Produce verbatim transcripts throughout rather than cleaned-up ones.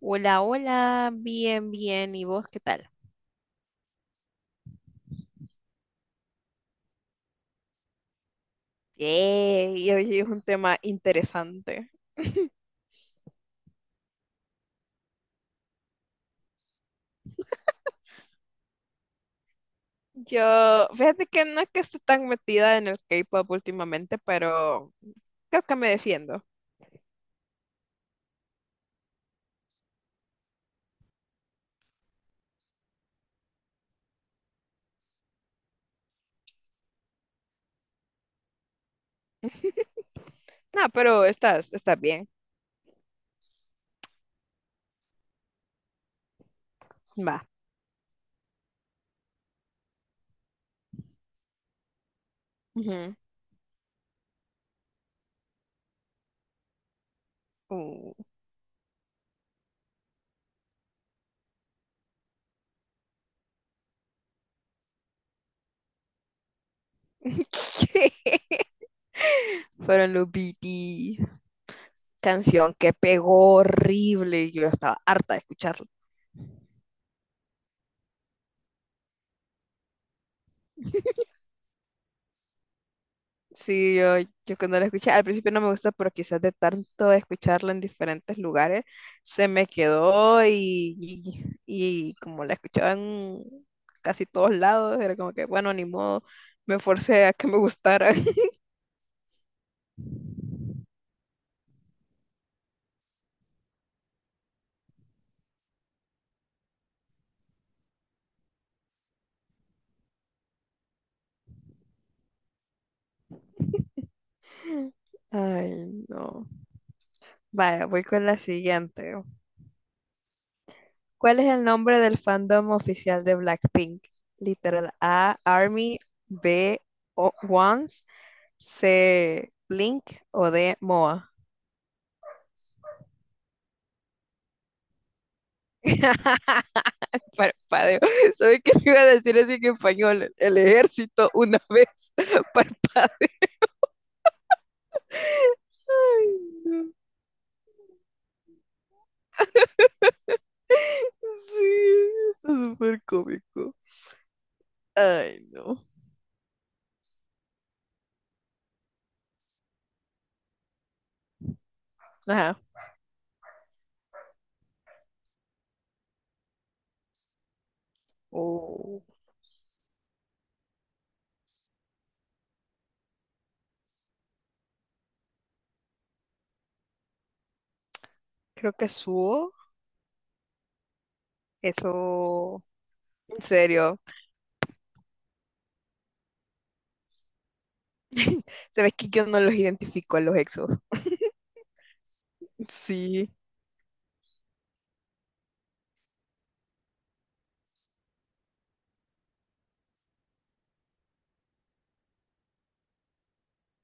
Hola, hola, bien, bien. ¿Y vos qué tal? Yay, hoy es un tema interesante. Yo, fíjate que no es que esté tan metida en el K-pop últimamente, pero creo que me defiendo. No, pero estás, estás bien. Va. Ujú. Uh, Fueron los B T. Canción que pegó horrible. y Yo estaba harta de escucharla. Sí, yo, yo cuando la escuché, al principio no me gusta, pero quizás de tanto escucharla en diferentes lugares, se me quedó y, y, y como la escuchaba en casi todos lados, era como que, bueno, ni modo, me forcé a que me gustara. Ay, no. Vaya, voy con la siguiente. ¿Cuál es el nombre del fandom oficial de Blackpink? Literal A, Army; B, O- Once; C, Blink; o D, M O A. Parpadeo. ¿Sabes qué te iba a decir así en español? El ejército una vez parpadeo. Ay, no. Sí, está súper cómico. Ay, no. Ajá. Oh, creo que subo. Eso, en serio. Sabes que yo no los identifico a los exos. Sí.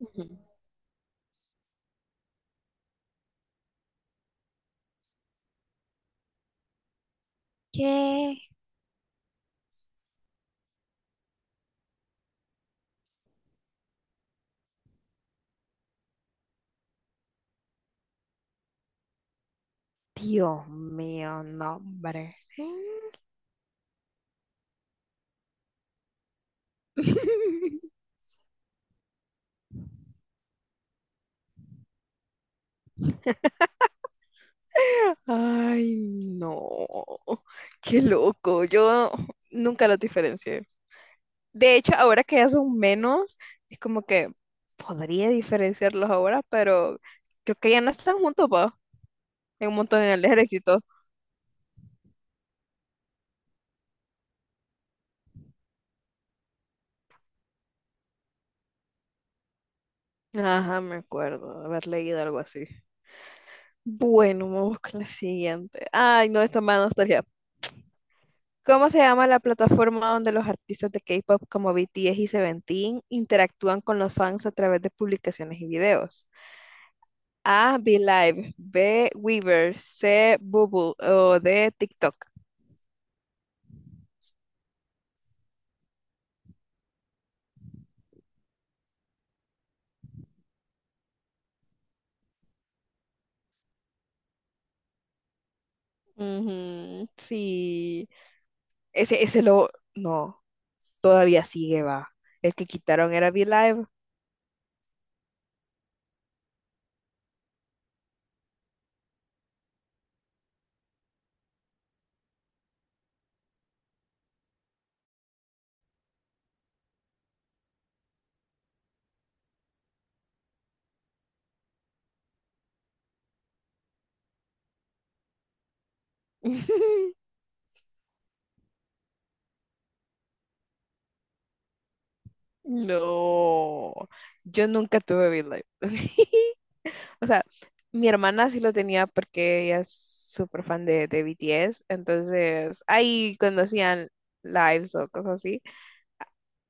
Ujú. ¿Qué? Dios mío, nombre. Ay, no, qué loco. Yo nunca los diferencié. De hecho, ahora que ya son menos, es como que podría diferenciarlos ahora, pero creo que ya no están juntos, pa, en un montón de ejército. Ajá, me acuerdo haber leído algo así. Bueno, vamos con la siguiente. Ay, no, esta más nostalgia. ¿Cómo se llama la plataforma donde los artistas de K-pop como B T S y Seventeen interactúan con los fans a través de publicaciones y videos? A, Be Live; B, Weaver; C, Bubble; o D, TikTok. Ujú, sí. Ese, ese lo. No, todavía sigue, va. El que quitaron era Be Live. No, yo nunca tuve BitLife. O sea, mi hermana sí lo tenía porque ella es súper fan de, de B T S, entonces ahí conocían lives o cosas así.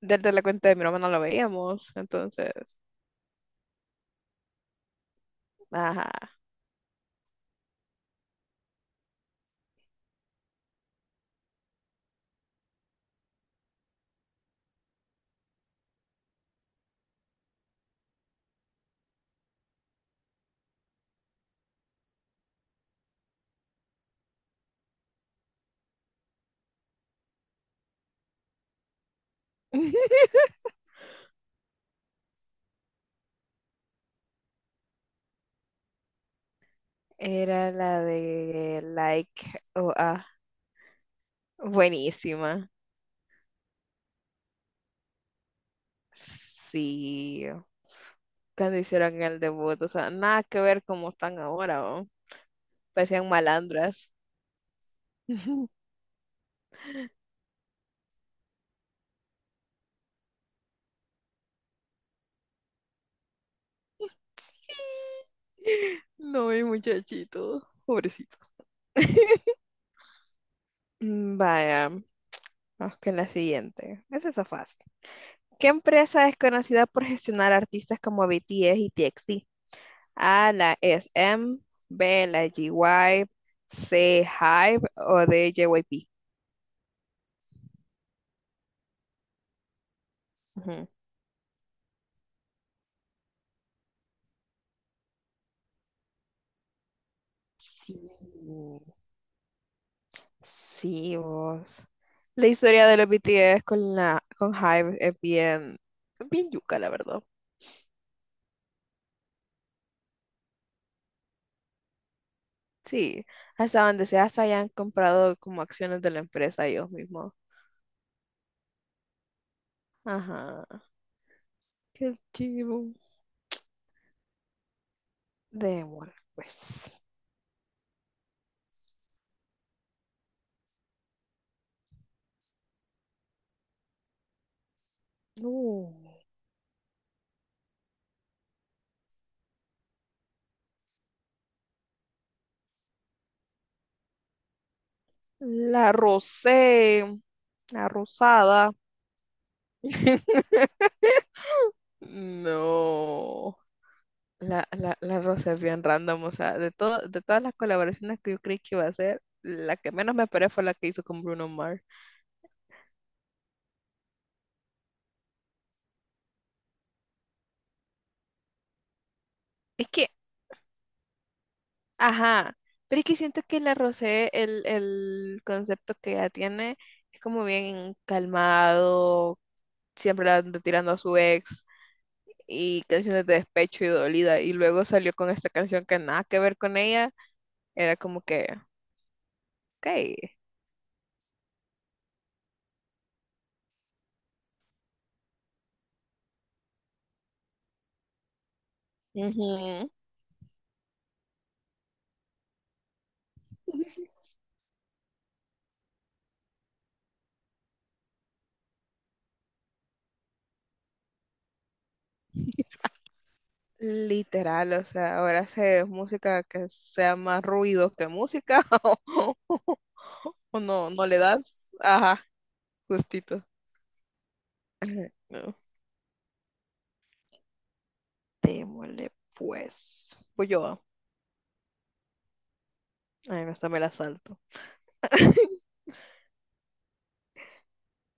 Desde la cuenta de mi hermana lo veíamos, entonces, ajá. Era la de Like o ah, buenísima. Sí, cuando hicieron el debut, o sea, nada que ver como están ahora, ¿o? Parecían malandras. Sí. No, mi muchachito. Pobrecito. Vaya, vamos con la siguiente. Esa está fácil. ¿Qué empresa es conocida por gestionar artistas como BTS y TXT? A, la SM; B, la GY; C, Hype; o D, J Y P. Ujú. Sí. Sí, vos. La historia de los B T S con la con Hype es bien, bien yuca, la verdad. Sí, hasta donde sea, hasta ya han comprado como acciones de la empresa ellos mismos. Ajá, qué chivo. Démosle, pues. No. La rosé, la rosada. No. La, la, la rosa es bien random, o sea, de todo, de todas las colaboraciones que yo creí que iba a hacer, la que menos me esperé fue la que hizo con Bruno Mars. Es que ajá, pero es que siento que la rosé, el, el concepto que ella tiene es como bien calmado, siempre la anda tirando a su ex y canciones de despecho y dolida. Y luego salió con esta canción que nada que ver con ella, era como que, ok, ujú, literal, o sea, ahora hace música que sea más ruido que música o no, no le das, ajá, justito. No. Démosle pues, voy yo. Ay, no, esta me la salto.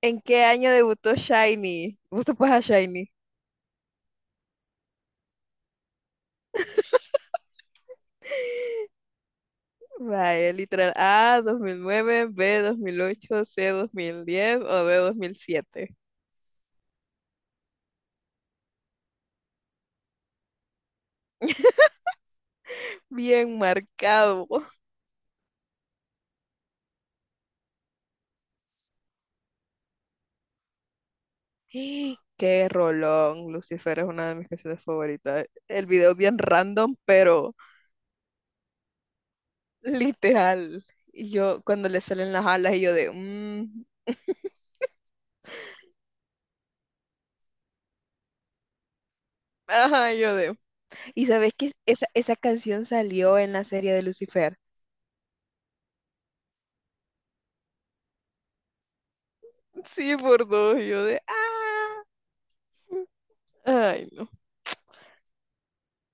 ¿En qué año debutó Shiny? ¿Vos te pones a Shiny? Vaya, literal. A, dos mil nueve; B, dos mil ocho; C, dos mil diez; o D, dos mil siete. Bien marcado. Qué rolón. Lucifer es una de mis canciones favoritas. El video bien random, pero literal. Y yo, cuando le salen las alas, y yo de... mm, ajá, yo de... Y sabes que esa, esa canción salió en la serie de Lucifer. Sí, por dos. Y yo de, ah. Ay, no.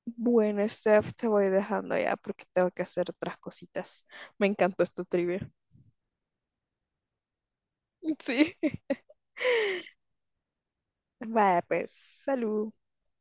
Bueno, Steph, te voy dejando ya porque tengo que hacer otras cositas. Me encantó esta trivia. Sí. Vaya, pues, salud.